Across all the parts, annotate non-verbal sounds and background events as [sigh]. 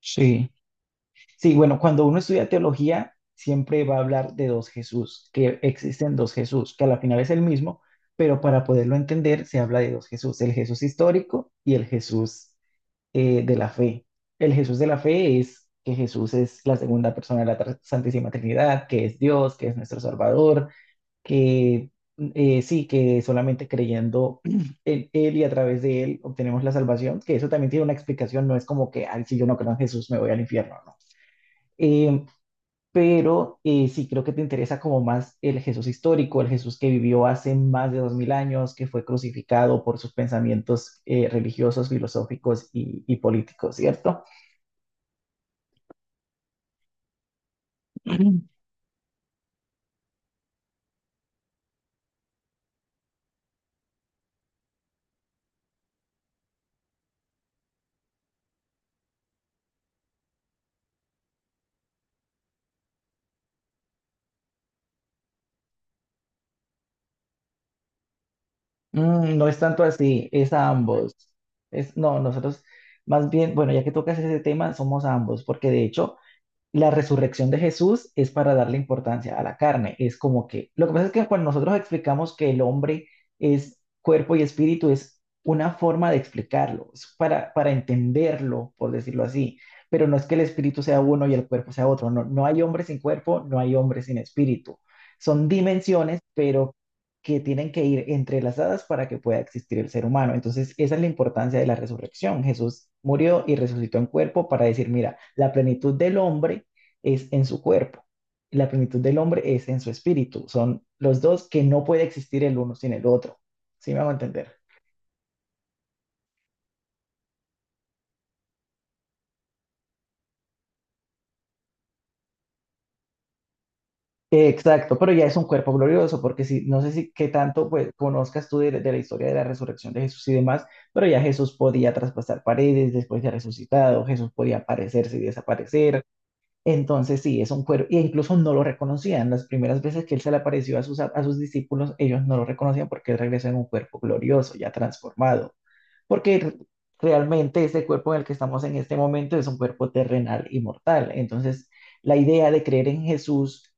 Sí, sí, bueno, cuando uno estudia teología, siempre va a hablar de dos Jesús, que existen dos Jesús, que a la final es el mismo, pero para poderlo entender se habla de dos Jesús, el Jesús histórico y el Jesús de la fe. El Jesús de la fe es que Jesús es la segunda persona de la Santísima Trinidad, que es Dios, que es nuestro Salvador, que sí, que solamente creyendo [clears throat] en Él y a través de Él obtenemos la salvación, que eso también tiene una explicación, no es como que, ay, si yo no creo en Jesús me voy al infierno. Em, pero sí creo que te interesa como más el Jesús histórico, el Jesús que vivió hace más de 2000 años, que fue crucificado por sus pensamientos religiosos, filosóficos y políticos, ¿cierto? [clears throat] Mm, no es tanto así, es a ambos. Es, no, nosotros más bien, bueno, ya que tocas ese tema, somos ambos, porque de hecho, la resurrección de Jesús es para darle importancia a la carne. Es como que, lo que pasa es que cuando nosotros explicamos que el hombre es cuerpo y espíritu, es una forma de explicarlo, es para entenderlo, por decirlo así. Pero no es que el espíritu sea uno y el cuerpo sea otro. No, no hay hombre sin cuerpo, no hay hombre sin espíritu. Son dimensiones, pero que tienen que ir entrelazadas para que pueda existir el ser humano. Entonces, esa es la importancia de la resurrección. Jesús murió y resucitó en cuerpo para decir, mira, la plenitud del hombre es en su cuerpo. La plenitud del hombre es en su espíritu. Son los dos que no puede existir el uno sin el otro. ¿Sí me hago entender? Exacto, pero ya es un cuerpo glorioso, porque si, no sé si qué tanto pues, conozcas tú de la historia de la resurrección de Jesús y demás, pero ya Jesús podía traspasar paredes después de resucitado, Jesús podía aparecerse y desaparecer, entonces sí, es un cuerpo, e incluso no lo reconocían, las primeras veces que él se le apareció a a sus discípulos, ellos no lo reconocían porque él regresó en un cuerpo glorioso, ya transformado, porque realmente este cuerpo en el que estamos en este momento es un cuerpo terrenal y mortal. Entonces, la idea de creer en Jesús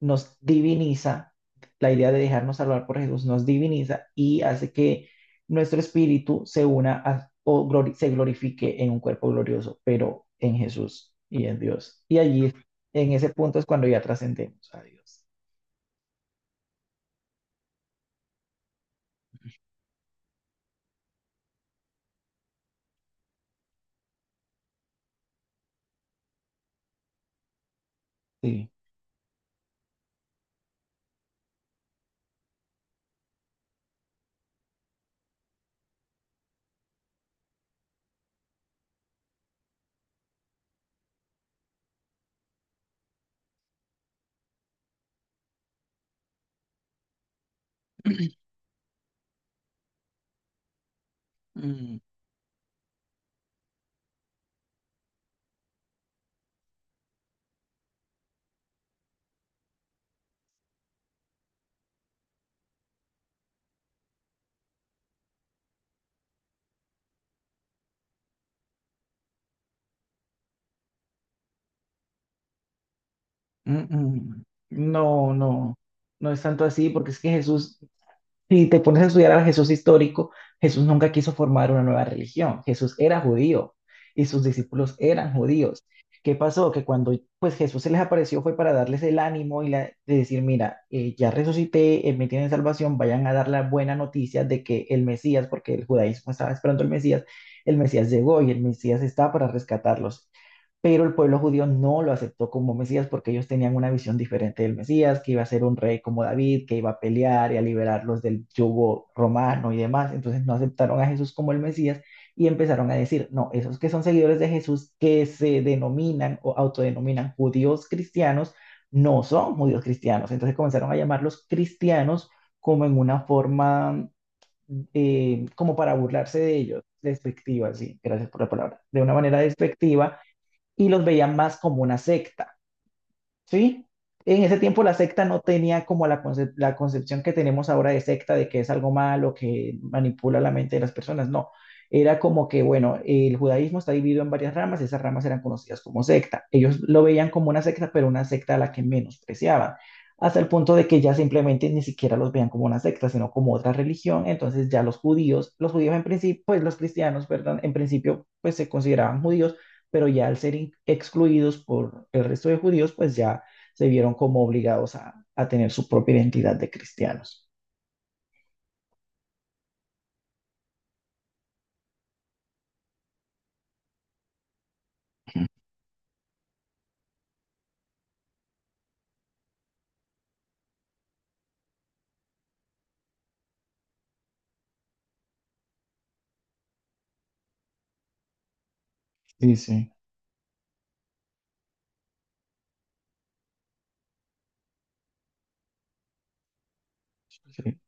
nos diviniza, la idea de dejarnos salvar por Jesús nos diviniza y hace que nuestro espíritu se una a- o glori- se glorifique en un cuerpo glorioso, pero en Jesús y en Dios. Y allí, en ese punto, es cuando ya trascendemos a Dios. Sí. Mm, mm, mm. No, no, no es tanto así, porque es que Jesús, si te pones a estudiar a Jesús histórico, Jesús nunca quiso formar una nueva religión. Jesús era judío y sus discípulos eran judíos. ¿Qué pasó? Que cuando pues Jesús se les apareció fue para darles el ánimo y la, de decir, mira, ya resucité, me tienen salvación, vayan a dar la buena noticia de que el Mesías, porque el judaísmo estaba esperando el Mesías llegó y el Mesías está para rescatarlos, pero el pueblo judío no lo aceptó como Mesías porque ellos tenían una visión diferente del Mesías, que iba a ser un rey como David, que iba a pelear y a liberarlos del yugo romano y demás. Entonces no aceptaron a Jesús como el Mesías y empezaron a decir, no, esos que son seguidores de Jesús, que se denominan o autodenominan judíos cristianos, no son judíos cristianos. Entonces comenzaron a llamarlos cristianos como en una forma, como para burlarse de ellos, despectiva, sí, gracias por la palabra, de una manera despectiva, y los veían más como una secta, ¿sí? En ese tiempo la secta no tenía como la concepción que tenemos ahora de secta, de que es algo malo, que manipula la mente de las personas, no. Era como que, bueno, el judaísmo está dividido en varias ramas, esas ramas eran conocidas como secta. Ellos lo veían como una secta, pero una secta a la que menospreciaban, hasta el punto de que ya simplemente ni siquiera los veían como una secta, sino como otra religión. Entonces ya los judíos en principio, pues los cristianos, perdón, en principio, pues se consideraban judíos, pero ya al ser excluidos por el resto de judíos, pues ya se vieron como obligados a tener su propia identidad de cristianos. Sí, sí, sí.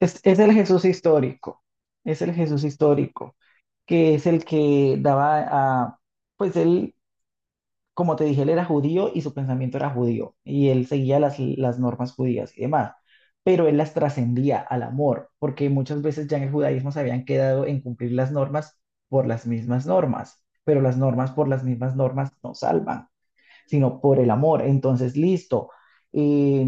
Es el Jesús histórico, es el Jesús histórico, que es el que daba a, pues él, como te dije, él era judío y su pensamiento era judío, y él seguía las normas judías y demás, pero él las trascendía al amor, porque muchas veces ya en el judaísmo se habían quedado en cumplir las normas por las mismas normas, pero las normas por las mismas normas no salvan sino por el amor. Entonces, listo. Eh,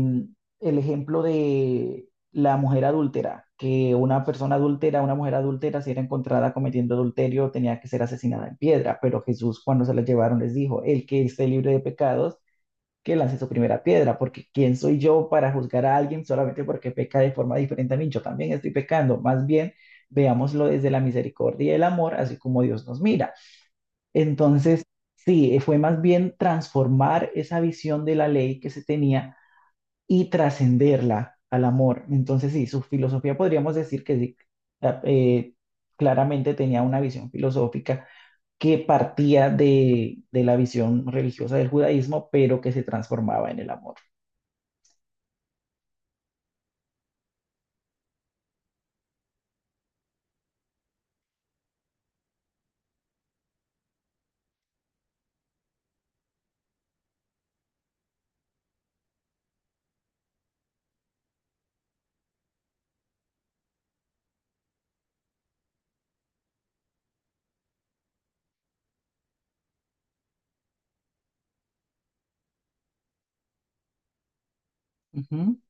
el ejemplo de la mujer adúltera, que una persona adúltera, una mujer adúltera, si era encontrada cometiendo adulterio, tenía que ser asesinada en piedra, pero Jesús cuando se la llevaron les dijo, el que esté libre de pecados, que lance su primera piedra, porque ¿quién soy yo para juzgar a alguien solamente porque peca de forma diferente a mí? Yo también estoy pecando, más bien veámoslo desde la misericordia y el amor, así como Dios nos mira. Entonces, sí, fue más bien transformar esa visión de la ley que se tenía y trascenderla al amor. Entonces, sí, su filosofía podríamos decir que sí, la- eh, claramente tenía una visión filosófica que partía de la visión religiosa del judaísmo, pero que se transformaba en el amor. Ujú,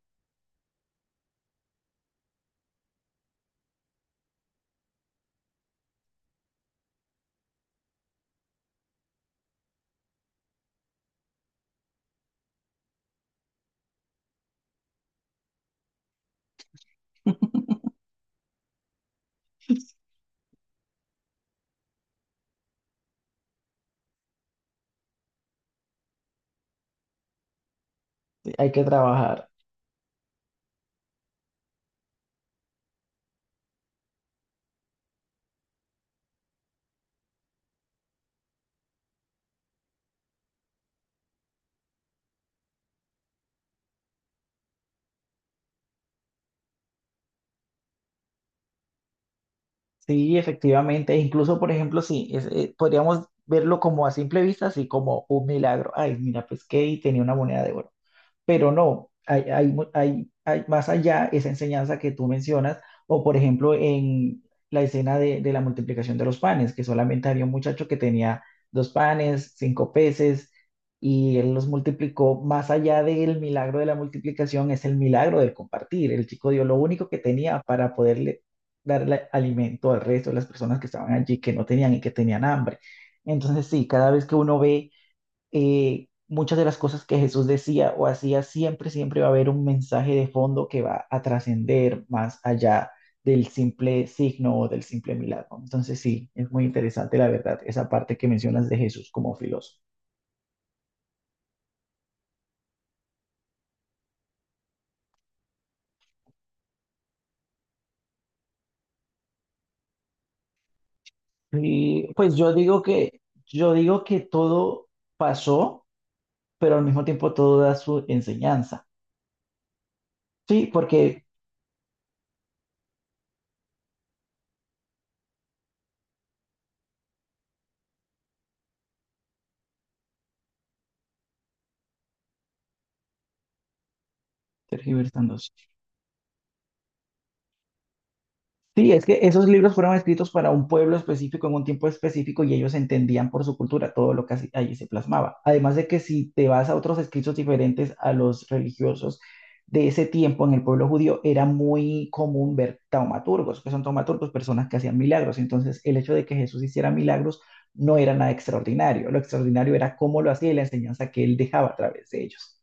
sí, hay que trabajar. Sí, efectivamente. E incluso, por ejemplo, sí, podríamos verlo como a simple vista, así como un milagro. Ay, mira, pesqué y tenía una moneda de oro. Pero no, hay más allá esa enseñanza que tú mencionas, o por ejemplo en la escena de la multiplicación de los panes, que solamente había un muchacho que tenía 2 panes, 5 peces, y él los multiplicó, más allá del milagro de la multiplicación es el milagro del compartir, el chico dio lo único que tenía para poderle darle alimento al resto de las personas que estaban allí, que no tenían y que tenían hambre. Entonces sí, cada vez que uno ve muchas de las cosas que Jesús decía o hacía, siempre, siempre va a haber un mensaje de fondo que va a trascender más allá del simple signo o del simple milagro. Entonces sí, es muy interesante la verdad, esa parte que mencionas de Jesús como filósofo. Y pues yo digo que todo pasó, pero al mismo tiempo todo da su enseñanza. Sí, porque tergiversando. Sí. Sí, es que esos libros fueron escritos para un pueblo específico en un tiempo específico y ellos entendían por su cultura todo lo que allí se plasmaba. Además de que si te vas a otros escritos diferentes a los religiosos de ese tiempo en el pueblo judío, era muy común ver taumaturgos, que son taumaturgos, personas que hacían milagros. Entonces, el hecho de que Jesús hiciera milagros no era nada extraordinario. Lo extraordinario era cómo lo hacía y la enseñanza que él dejaba a través de ellos.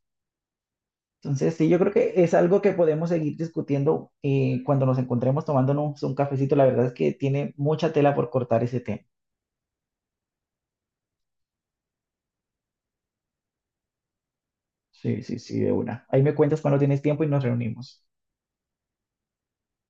Entonces, sí, yo creo que es algo que podemos seguir discutiendo cuando nos encontremos tomándonos un cafecito. La verdad es que tiene mucha tela por cortar ese tema. Sí, sí, sí, de una. Ahí me cuentas cuando tienes tiempo y nos reunimos.